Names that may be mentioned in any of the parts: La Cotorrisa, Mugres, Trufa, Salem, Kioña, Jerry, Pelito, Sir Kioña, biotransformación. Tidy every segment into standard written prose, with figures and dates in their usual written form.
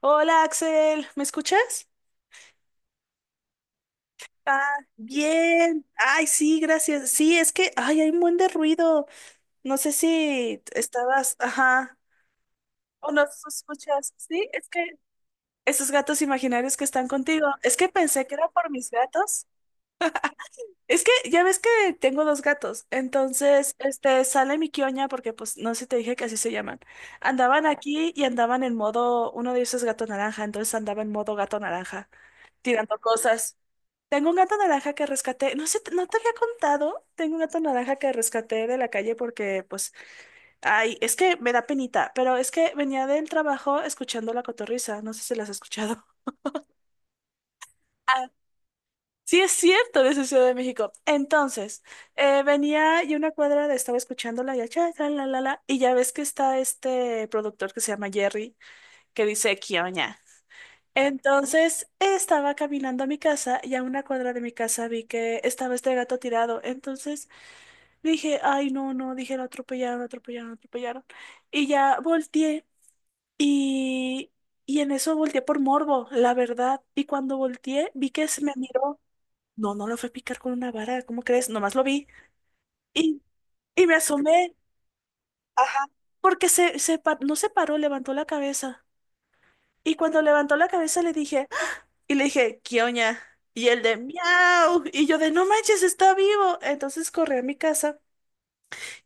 Hola Axel, ¿me escuchas? Ah, bien. Ay, sí, gracias. Sí, es que, ay, hay un buen de ruido. No sé si estabas, ajá, o no escuchas. Sí, es que esos gatos imaginarios que están contigo, es que pensé que era por mis gatos. Es que ya ves que tengo dos gatos, entonces, sale mi quioña porque, pues, no sé si te dije que así se llaman. Andaban aquí y andaban en modo, uno de ellos es gato naranja, entonces andaba en modo gato naranja, tirando cosas. Tengo un gato naranja que rescaté, no sé, no te había contado, tengo un gato naranja que rescaté de la calle porque, pues, ay, es que me da penita, pero es que venía del trabajo escuchando La Cotorrisa, no sé si las has escuchado. Ah, sí, es cierto, de su Ciudad de México. Entonces, venía y estaba escuchándola y, ya, cha, tra, la, y ya ves que está este productor que se llama Jerry, que dice, Kioña. Entonces estaba caminando a mi casa y a una cuadra de mi casa vi que estaba este gato tirado. Entonces dije, ay, no, no, dije, lo atropellaron, lo atropellaron, lo atropellaron. Y ya volteé y, y en eso volteé por morbo, la verdad. Y cuando volteé, vi que se me miró. No, no lo fue a picar con una vara, ¿cómo crees? Nomás lo vi. Y, y me asomé. Ajá. Porque no se paró, levantó la cabeza. Y cuando levantó la cabeza le dije, ¡ah! Y le dije, ¿qué oña? Y él de, miau. Y yo de, no manches, está vivo. Entonces corrí a mi casa.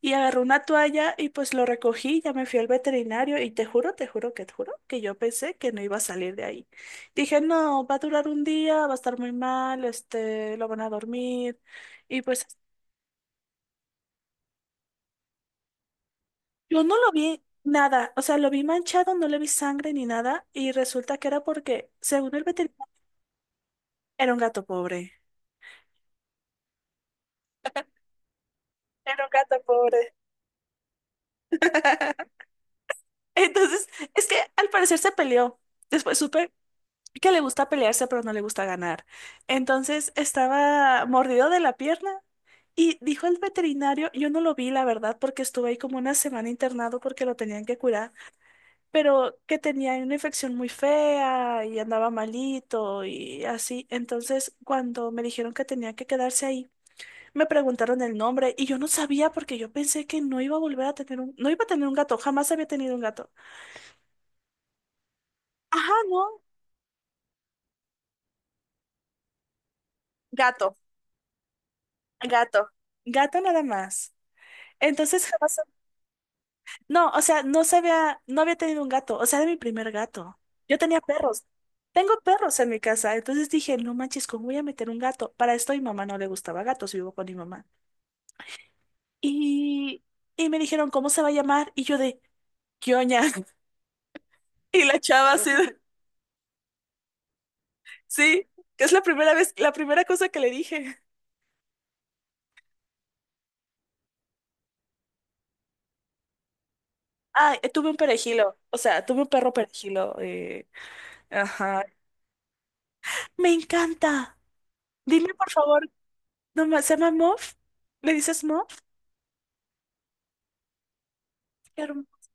Y agarró una toalla y pues lo recogí, ya me fui al veterinario y te juro que yo pensé que no iba a salir de ahí. Dije, no, va a durar un día, va a estar muy mal, lo van a dormir. Y pues yo no lo vi nada, o sea, lo vi manchado, no le vi sangre ni nada y resulta que era porque, según el veterinario, era un gato pobre. Era un gato pobre. Entonces, es que al parecer se peleó. Después supe que le gusta pelearse, pero no le gusta ganar. Entonces estaba mordido de la pierna y dijo el veterinario, yo no lo vi, la verdad, porque estuve ahí como una semana internado porque lo tenían que curar, pero que tenía una infección muy fea y andaba malito y así. Entonces, cuando me dijeron que tenía que quedarse ahí, me preguntaron el nombre y yo no sabía porque yo pensé que no iba a volver a tener un, no iba a tener un gato, jamás había tenido un gato. Ajá, no, gato, gato, gato nada más. Entonces jamás, no, o sea, no sabía, no había tenido un gato, o sea, era mi primer gato. Yo tenía perros. Tengo perros en mi casa, entonces dije, no manches, ¿cómo voy a meter un gato? Para esto a mi mamá no le gustaba gatos, vivo con mi mamá. Y, y me dijeron, ¿cómo se va a llamar? Y yo de, ¿qué oña? Y la chava así, de, sí, que es la primera vez, la primera cosa que le dije. Ah, tuve un perejilo, o sea, tuve un perro perejilo. Ajá. Me encanta. Dime, por favor, no, ¿se llama Muff? ¿Le dices Muff? Qué hermoso.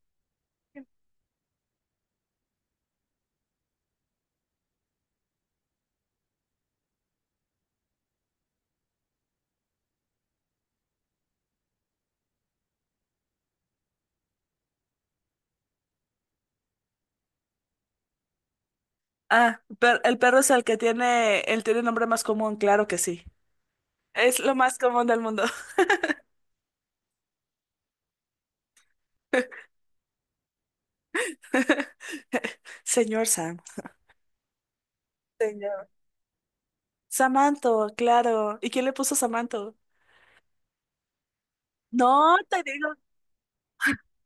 Ah, el perro es el que tiene, él tiene nombre más común, claro que sí. Es lo más común del mundo. Señor Sam. Señor. Samanto, claro. ¿Y quién le puso Samanto? No, te digo.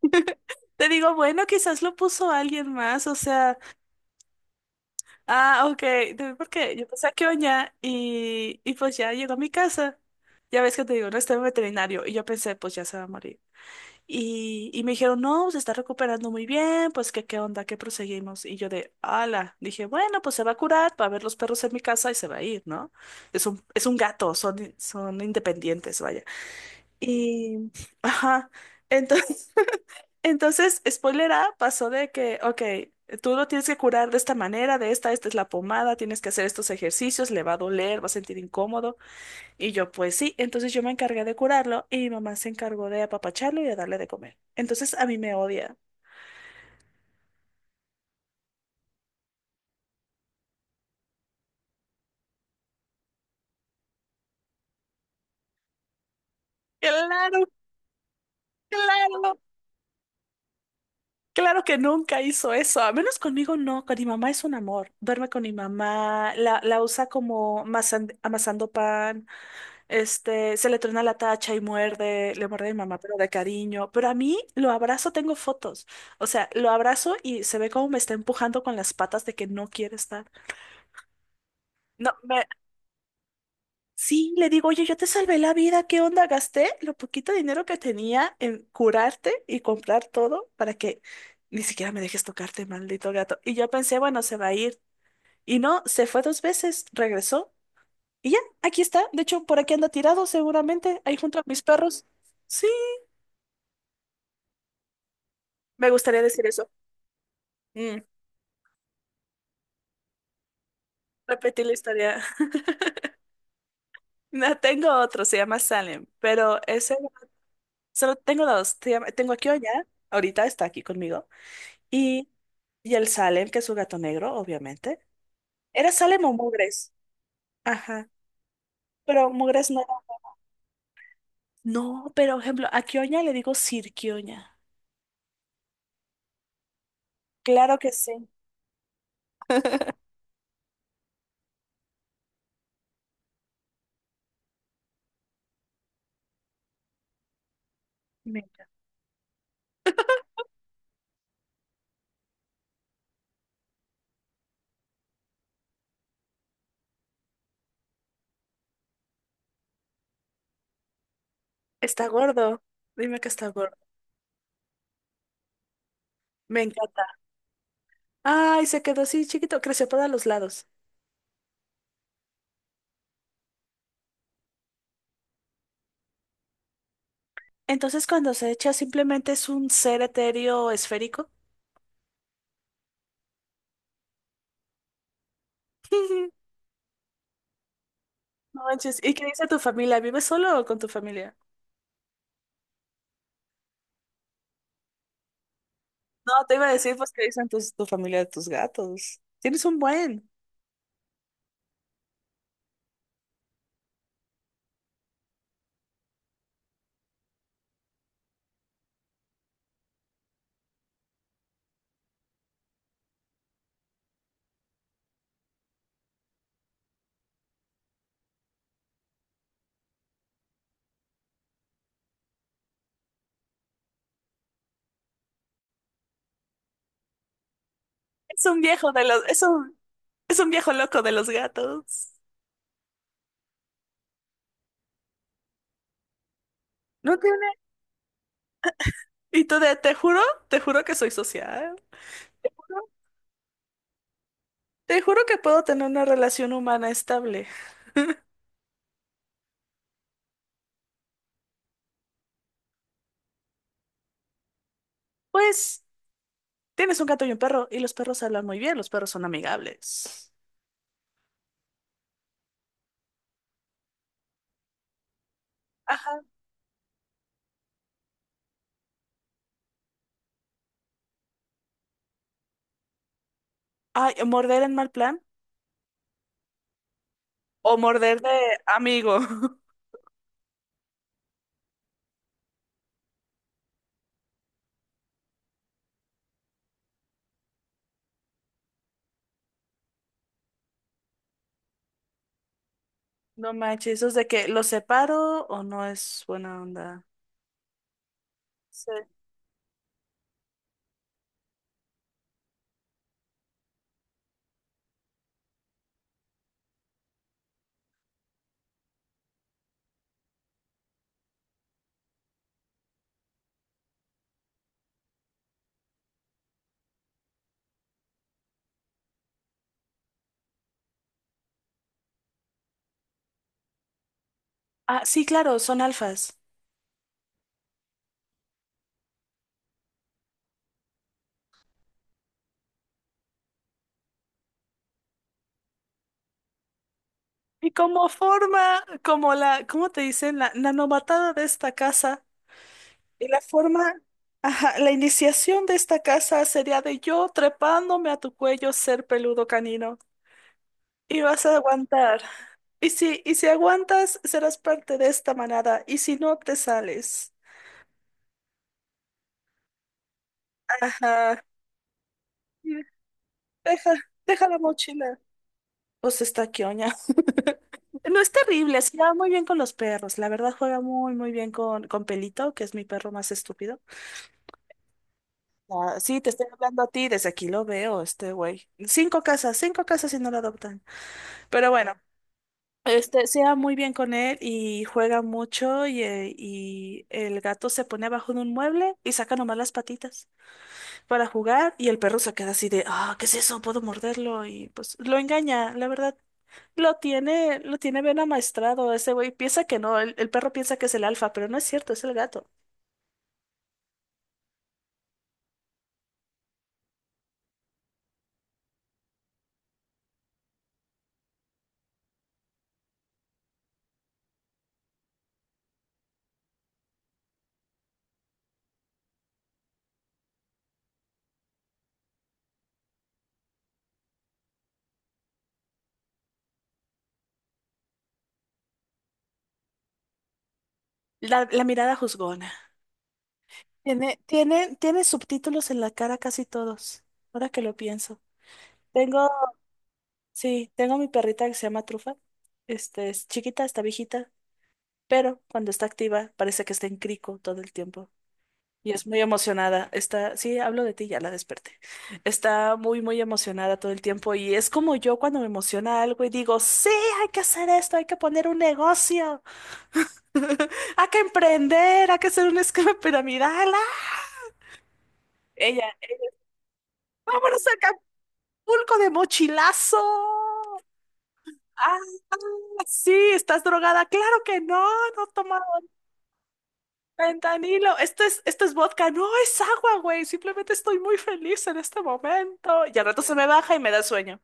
Te digo, bueno, quizás lo puso alguien más, o sea, ok, porque yo pasé a oña y pues ya llegó a mi casa. Ya ves que te digo, no está en veterinario y yo pensé, pues ya se va a morir. Y me dijeron, no, se está recuperando muy bien, pues que qué onda, que proseguimos. Y yo de, ala, dije, bueno, pues se va a curar, va a ver los perros en mi casa y se va a ir, ¿no? Es un gato, son independientes, vaya. Y, ajá, entonces, spoiler A, pasó de que, ok, tú lo tienes que curar de esta manera, esta es la pomada, tienes que hacer estos ejercicios, le va a doler, va a sentir incómodo. Y yo, pues sí, entonces yo me encargué de curarlo y mi mamá se encargó de apapacharlo y de darle de comer. Entonces a mí me odia. Claro, claro, claro que nunca hizo eso. A menos conmigo no, con mi mamá es un amor. Duerme con mi mamá, la usa como amasando pan, se le truena la tacha y muerde, le muerde a mi mamá, pero de cariño. Pero a mí lo abrazo, tengo fotos. O sea, lo abrazo y se ve como me está empujando con las patas de que no quiere estar. No, sí, le digo, oye, yo te salvé la vida, ¿qué onda? Gasté lo poquito de dinero que tenía en curarte y comprar todo para que ni siquiera me dejes tocarte, maldito gato. Y yo pensé, bueno, se va a ir. Y no, se fue dos veces, regresó y ya, aquí está. De hecho, por aquí anda tirado seguramente, ahí junto a mis perros. Sí, me gustaría decir eso. Mm, repetí la historia. No, tengo otro, se llama Salem, solo tengo dos. Tengo aquí o allá, ahorita está aquí conmigo. Y, y el Salem, que es su gato negro, obviamente. ¿Era Salem o Mugres? Ajá. Pero Mugres no. No, pero por ejemplo, a Kioña le digo Sir Kioña. Claro que sí. Me encanta. Está gordo. Dime que está gordo. Me encanta. Ay, se quedó así chiquito. Creció para los lados. Entonces, cuando se echa, simplemente es un ser etéreo esférico. No manches. ¿Y qué dice tu familia? ¿Vives solo o con tu familia? No, te iba a decir, pues, ¿qué dicen tu familia de tus gatos? Tienes un buen. Es un viejo de los, es un, es un viejo loco de los gatos. No tiene, Y tú de, te juro que soy social. Te juro que puedo tener una relación humana estable. Pues tienes un gato y un perro, y los perros hablan muy bien, los perros son amigables. Ajá. Ay, morder en mal plan. O morder de amigo. No manches, eso es de que los separo o no es buena onda. Sí. Ah, sí, claro, son alfas. Y como forma, ¿cómo te dicen? La novatada de esta casa. Y la forma, ajá, la iniciación de esta casa sería de yo trepándome a tu cuello, ser peludo canino. Y vas a aguantar. Y si aguantas, serás parte de esta manada. Y si no, te sales. Ajá. Y Deja, deja la mochila. Pues está quioña. No es terrible, se lleva muy bien con los perros. La verdad juega muy, muy bien con Pelito, que es mi perro más estúpido. Ah, sí, te estoy hablando a ti, desde aquí lo veo, este güey. Cinco casas y no lo adoptan. Pero bueno, sea muy bien con él y juega mucho y el gato se pone abajo de un mueble y saca nomás las patitas para jugar y el perro se queda así de, ah, ¿qué es eso? ¿Puedo morderlo? Y pues lo engaña, la verdad. Lo tiene bien amaestrado ese güey. Piensa que no, el perro piensa que es el alfa, pero no es cierto, es el gato. La mirada juzgona. Tiene subtítulos en la cara casi todos, ahora que lo pienso. Tengo, sí, tengo mi perrita que se llama Trufa. Es chiquita, está viejita, pero cuando está activa parece que está en crico todo el tiempo. Y es muy emocionada. Sí, hablo de ti, ya la desperté. Está muy, muy emocionada todo el tiempo. Y es como yo cuando me emociona algo y digo, sí, hay que hacer esto, hay que poner un negocio, hay que emprender, hay que hacer un esquema piramidal. ¡Ah! Ella, vámonos al Pulco de mochilazo. Ah, ah, sí, estás drogada. Claro que no, no he tomado fentanilo. Esto es vodka, no es agua, güey. Simplemente estoy muy feliz en este momento. Y al rato se me baja y me da sueño.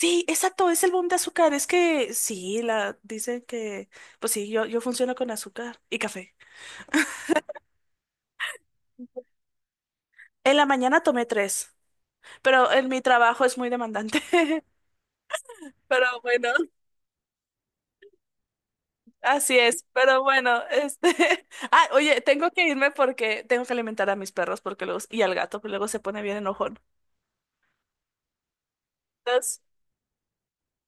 Sí, exacto, es el boom de azúcar. Es que sí, la dicen que, pues sí, yo funciono con azúcar y café. En la mañana tomé tres, pero en mi trabajo es muy demandante. Pero bueno. Así es, pero bueno, oye, tengo que irme porque tengo que alimentar a mis perros porque luego y al gato, que luego se pone bien enojón. Entonces,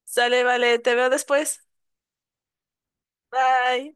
sale, vale, te veo después. Bye.